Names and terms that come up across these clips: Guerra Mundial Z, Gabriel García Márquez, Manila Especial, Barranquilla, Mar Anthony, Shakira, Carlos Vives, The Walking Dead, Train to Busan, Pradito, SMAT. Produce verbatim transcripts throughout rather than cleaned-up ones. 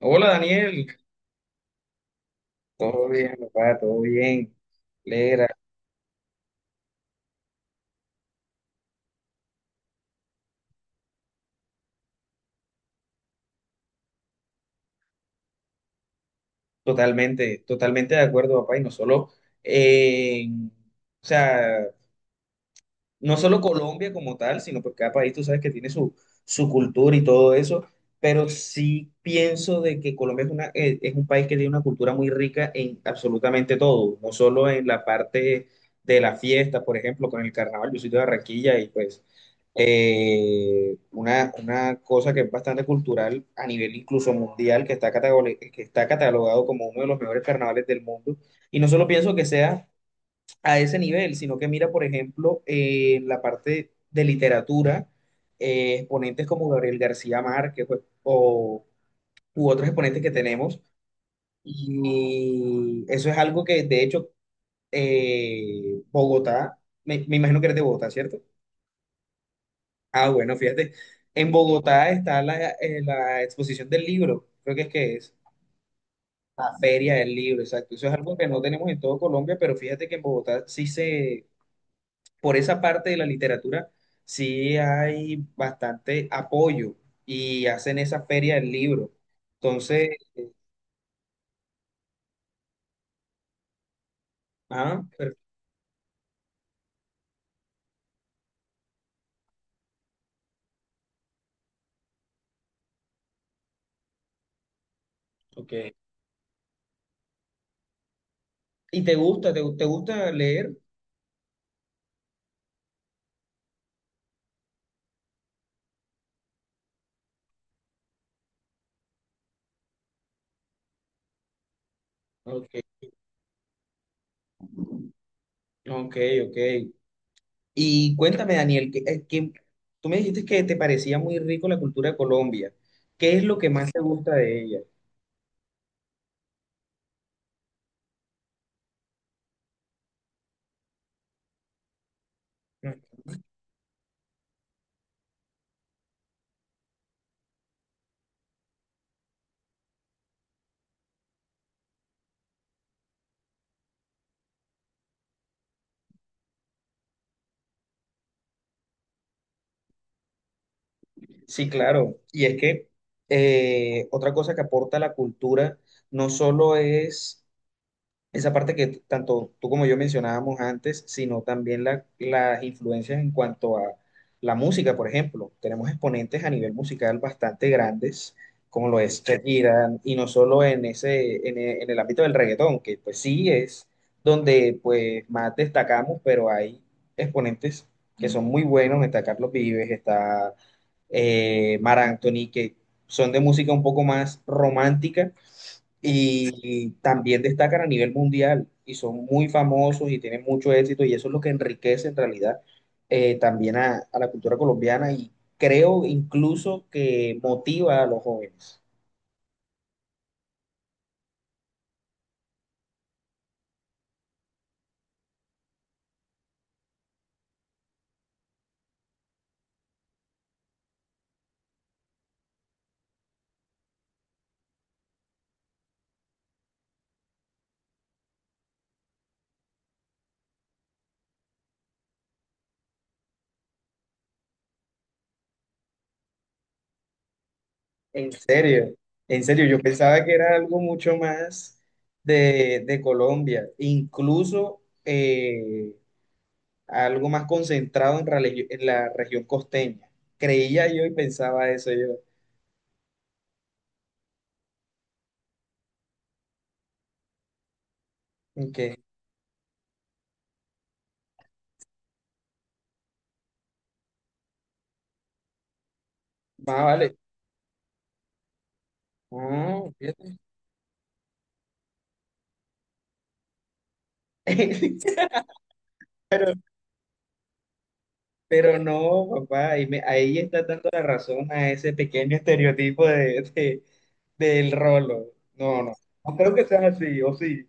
Hola Daniel, todo bien, papá, todo bien. Lera, totalmente, totalmente de acuerdo, papá, y no solo en, o sea, no solo Colombia como tal, sino porque cada país tú sabes que tiene su, su cultura y todo eso, pero sí pienso de que Colombia es una, eh, es un país que tiene una cultura muy rica en absolutamente todo, no solo en la parte de la fiesta, por ejemplo, con el carnaval, yo soy de Barranquilla y pues eh, una, una cosa que es bastante cultural a nivel incluso mundial, que está, catagole- que está catalogado como uno de los mejores carnavales del mundo. Y no solo pienso que sea a ese nivel, sino que mira, por ejemplo, eh, la parte de literatura, eh, exponentes como Gabriel García Márquez pues, o, u otros exponentes que tenemos. Y eso es algo que, de hecho, eh, Bogotá, me, me imagino que eres de Bogotá, ¿cierto? Ah, bueno, fíjate, en Bogotá está la, eh, la exposición del libro, creo que es que es la feria del libro, exacto. Eso es algo que no tenemos en todo Colombia, pero fíjate que en Bogotá sí se por esa parte de la literatura sí hay bastante apoyo y hacen esa feria del libro. Entonces, eh, ah, per- ok. ¿Y te gusta, te, gu- te gusta leer? Ok, ok, ok. Y cuéntame, Daniel, que, eh, que tú me dijiste que te parecía muy rico la cultura de Colombia. ¿Qué es lo que más te gusta de ella? Sí, claro. Y es que eh, otra cosa que aporta la cultura no solo es esa parte que t- tanto tú como yo mencionábamos antes, sino también la- las influencias en cuanto a la música, por ejemplo. Tenemos exponentes a nivel musical bastante grandes, como lo es Sí, Shakira, y no solo en ese, en e- en el ámbito del reggaetón, que pues sí es donde pues más destacamos, pero hay exponentes que son muy buenos, está Carlos Vives, está eh, Mar Anthony, que son de música un poco más romántica y también destacan a nivel mundial y son muy famosos y tienen mucho éxito y eso es lo que enriquece en realidad eh, también a, a la cultura colombiana y creo incluso que motiva a los jóvenes. En serio, en serio, yo pensaba que era algo mucho más de, de Colombia, incluso eh, algo más concentrado en, relig- en la región costeña. Creía yo y pensaba eso yo. Que más vale. Ah, fíjate. Pero, pero no, papá, ahí, me- ahí está dando la razón a ese pequeño estereotipo de, de- del rolo. No, no, no creo que sea así, o sí.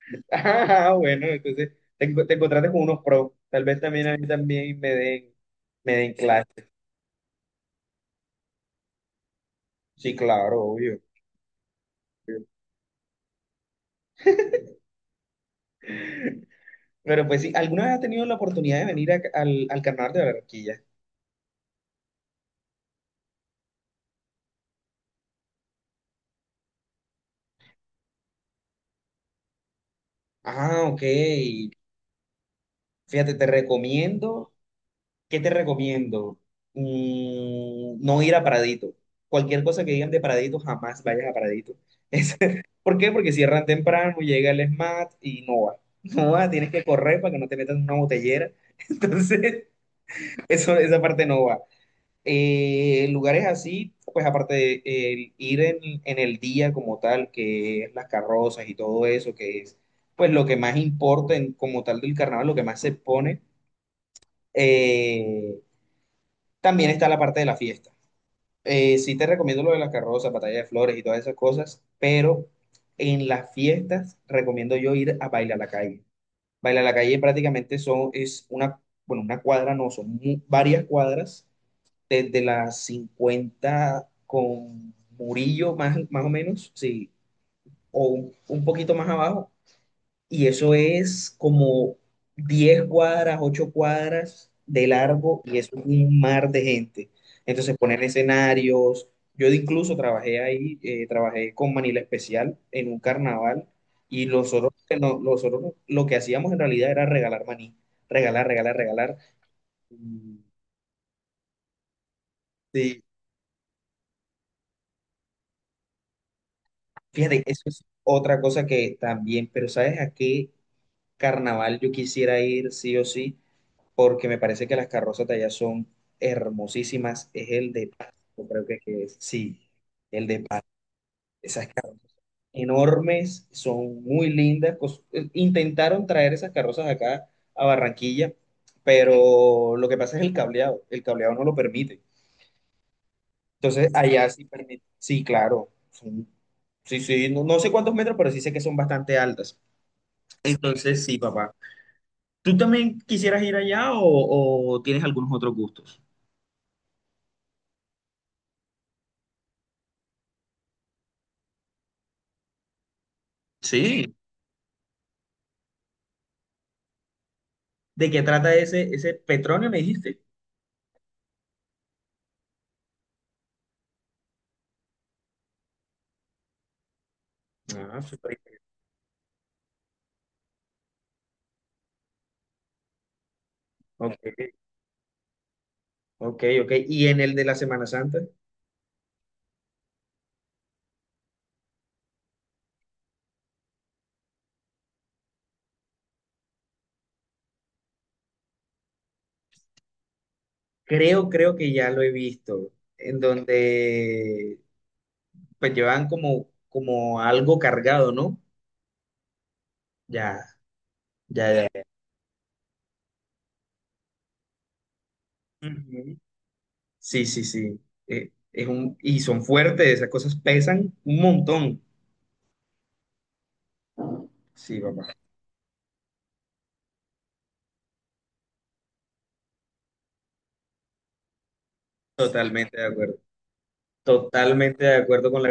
Ah, bueno, entonces te, enco- te encontraste con unos pros. Tal vez también a mí también me den, me den clases. Sí, claro, obvio. Pero pues sí, ¿alguna vez has tenido la oportunidad de venir a- al, al carnaval de Barranquilla? Ah, ok. Fíjate, te recomiendo. ¿Qué te recomiendo? Mm, no ir a Pradito. Cualquier cosa que digan de Pradito, jamás vayas a Pradito. Es- ¿por qué? Porque cierran temprano, llega el esmat y no va. No va, tienes que correr para que no te metan en una botellera. Entonces, eso, esa parte no va. Eh, lugares así, pues aparte de el ir en, en el día como tal, que es las carrozas y todo eso, que es pues lo que más importa en- como tal del carnaval, lo que más se pone. eh, también está la parte de la fiesta. Eh, sí te recomiendo lo de las carrozas, batalla de flores y todas esas cosas, pero en las fiestas recomiendo yo ir a bailar la calle. Bailar la calle prácticamente son, es una, bueno, una cuadra no, son mu- varias cuadras, desde las cincuenta con Murillo más, más o menos, sí, o un, un poquito más abajo y eso es como diez cuadras, ocho cuadras de largo y es un mar de gente. Entonces ponen escenarios. Yo incluso trabajé ahí, eh, trabajé con Manila Especial en un carnaval y nosotros, que no- nosotros lo que hacíamos en realidad era regalar maní, regalar, regalar, regalar. Mm, sí. Fíjate, eso es otra cosa que también, pero ¿sabes a qué carnaval yo quisiera ir sí o sí? Porque me parece que las carrozas de allá son hermosísimas. Es el de Paz, yo creo que, que es, sí, el de Paz. Esas carrozas enormes, son muy lindas. cos- eh, Intentaron traer esas carrozas acá a Barranquilla, pero lo que pasa es el cableado. El cableado no lo permite. Entonces, allá sí permite. Sí, claro. Son- sí, sí, no, no sé cuántos metros, pero sí sé que son bastante altas. Entonces, sí, papá. ¿Tú también quisieras ir allá o, o tienes algunos otros gustos? Sí. ¿De qué trata ese, ese petróleo, me dijiste? Ah, súper interesante. Ok, ok, ok. Y en el de la Semana Santa, creo, creo que ya lo he visto, en donde pues llevan como, como algo cargado, ¿no? Ya, ya, ya. Ujú. Sí, sí, sí. Eh, es un, y son fuertes, esas cosas pesan un montón. Sí, papá. Totalmente de acuerdo. Totalmente de acuerdo con la.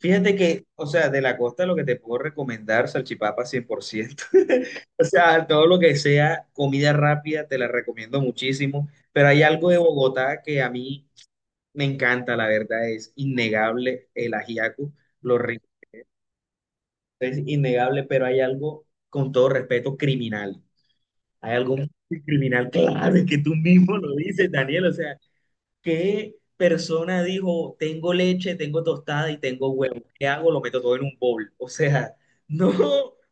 Fíjate que, o sea, de la costa lo que te puedo recomendar, salchipapa cien por ciento. O sea, todo lo que sea comida rápida, te la recomiendo muchísimo. Pero hay algo de Bogotá que a mí me encanta, la verdad, es innegable el ajiaco, lo rico es innegable, pero hay algo, con todo respeto, criminal. Hay algo muy criminal, claro, es que tú mismo lo dices, Daniel, o sea, ¿qué persona dijo, tengo leche, tengo tostada y tengo huevo? ¿Qué hago? Lo meto todo en un bowl. O sea, no,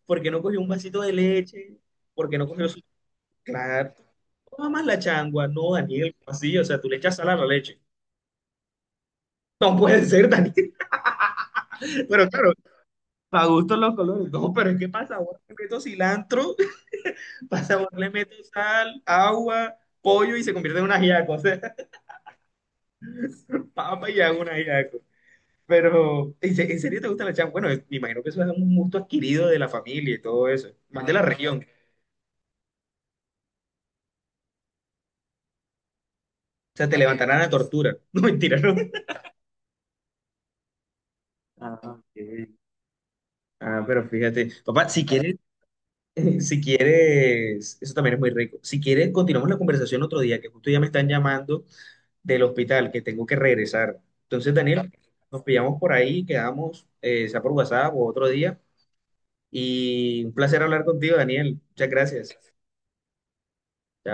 porque no cogió un vasito de leche, porque no cogió su... Claro, toma más la changua, no, Daniel, así, o sea, tú le echas sal a la leche. No puede ser, Daniel, pero claro, para gusto los colores. No, pero es que pasa, ahora le meto cilantro, pasa, ahora le meto sal, agua, pollo y se convierte en un ajiaco, o sea, papa y hago un ajiaco. Pero, ¿en se- en serio te gusta la changua? Bueno, es- me imagino que eso es un gusto adquirido de la familia y todo eso, más de la. Ah, región. O sea, te levantarán a tortura. No, mentira, ¿no? Ah, ok. Ah, pero fíjate, papá, si quieres, si quieres, eso también es muy rico. Si quieres, continuamos la conversación otro día, que justo ya me están llamando del hospital, que tengo que regresar. Entonces, Daniel, nos pillamos por ahí, quedamos, eh, sea por WhatsApp o otro día. Y un placer hablar contigo, Daniel. Muchas gracias.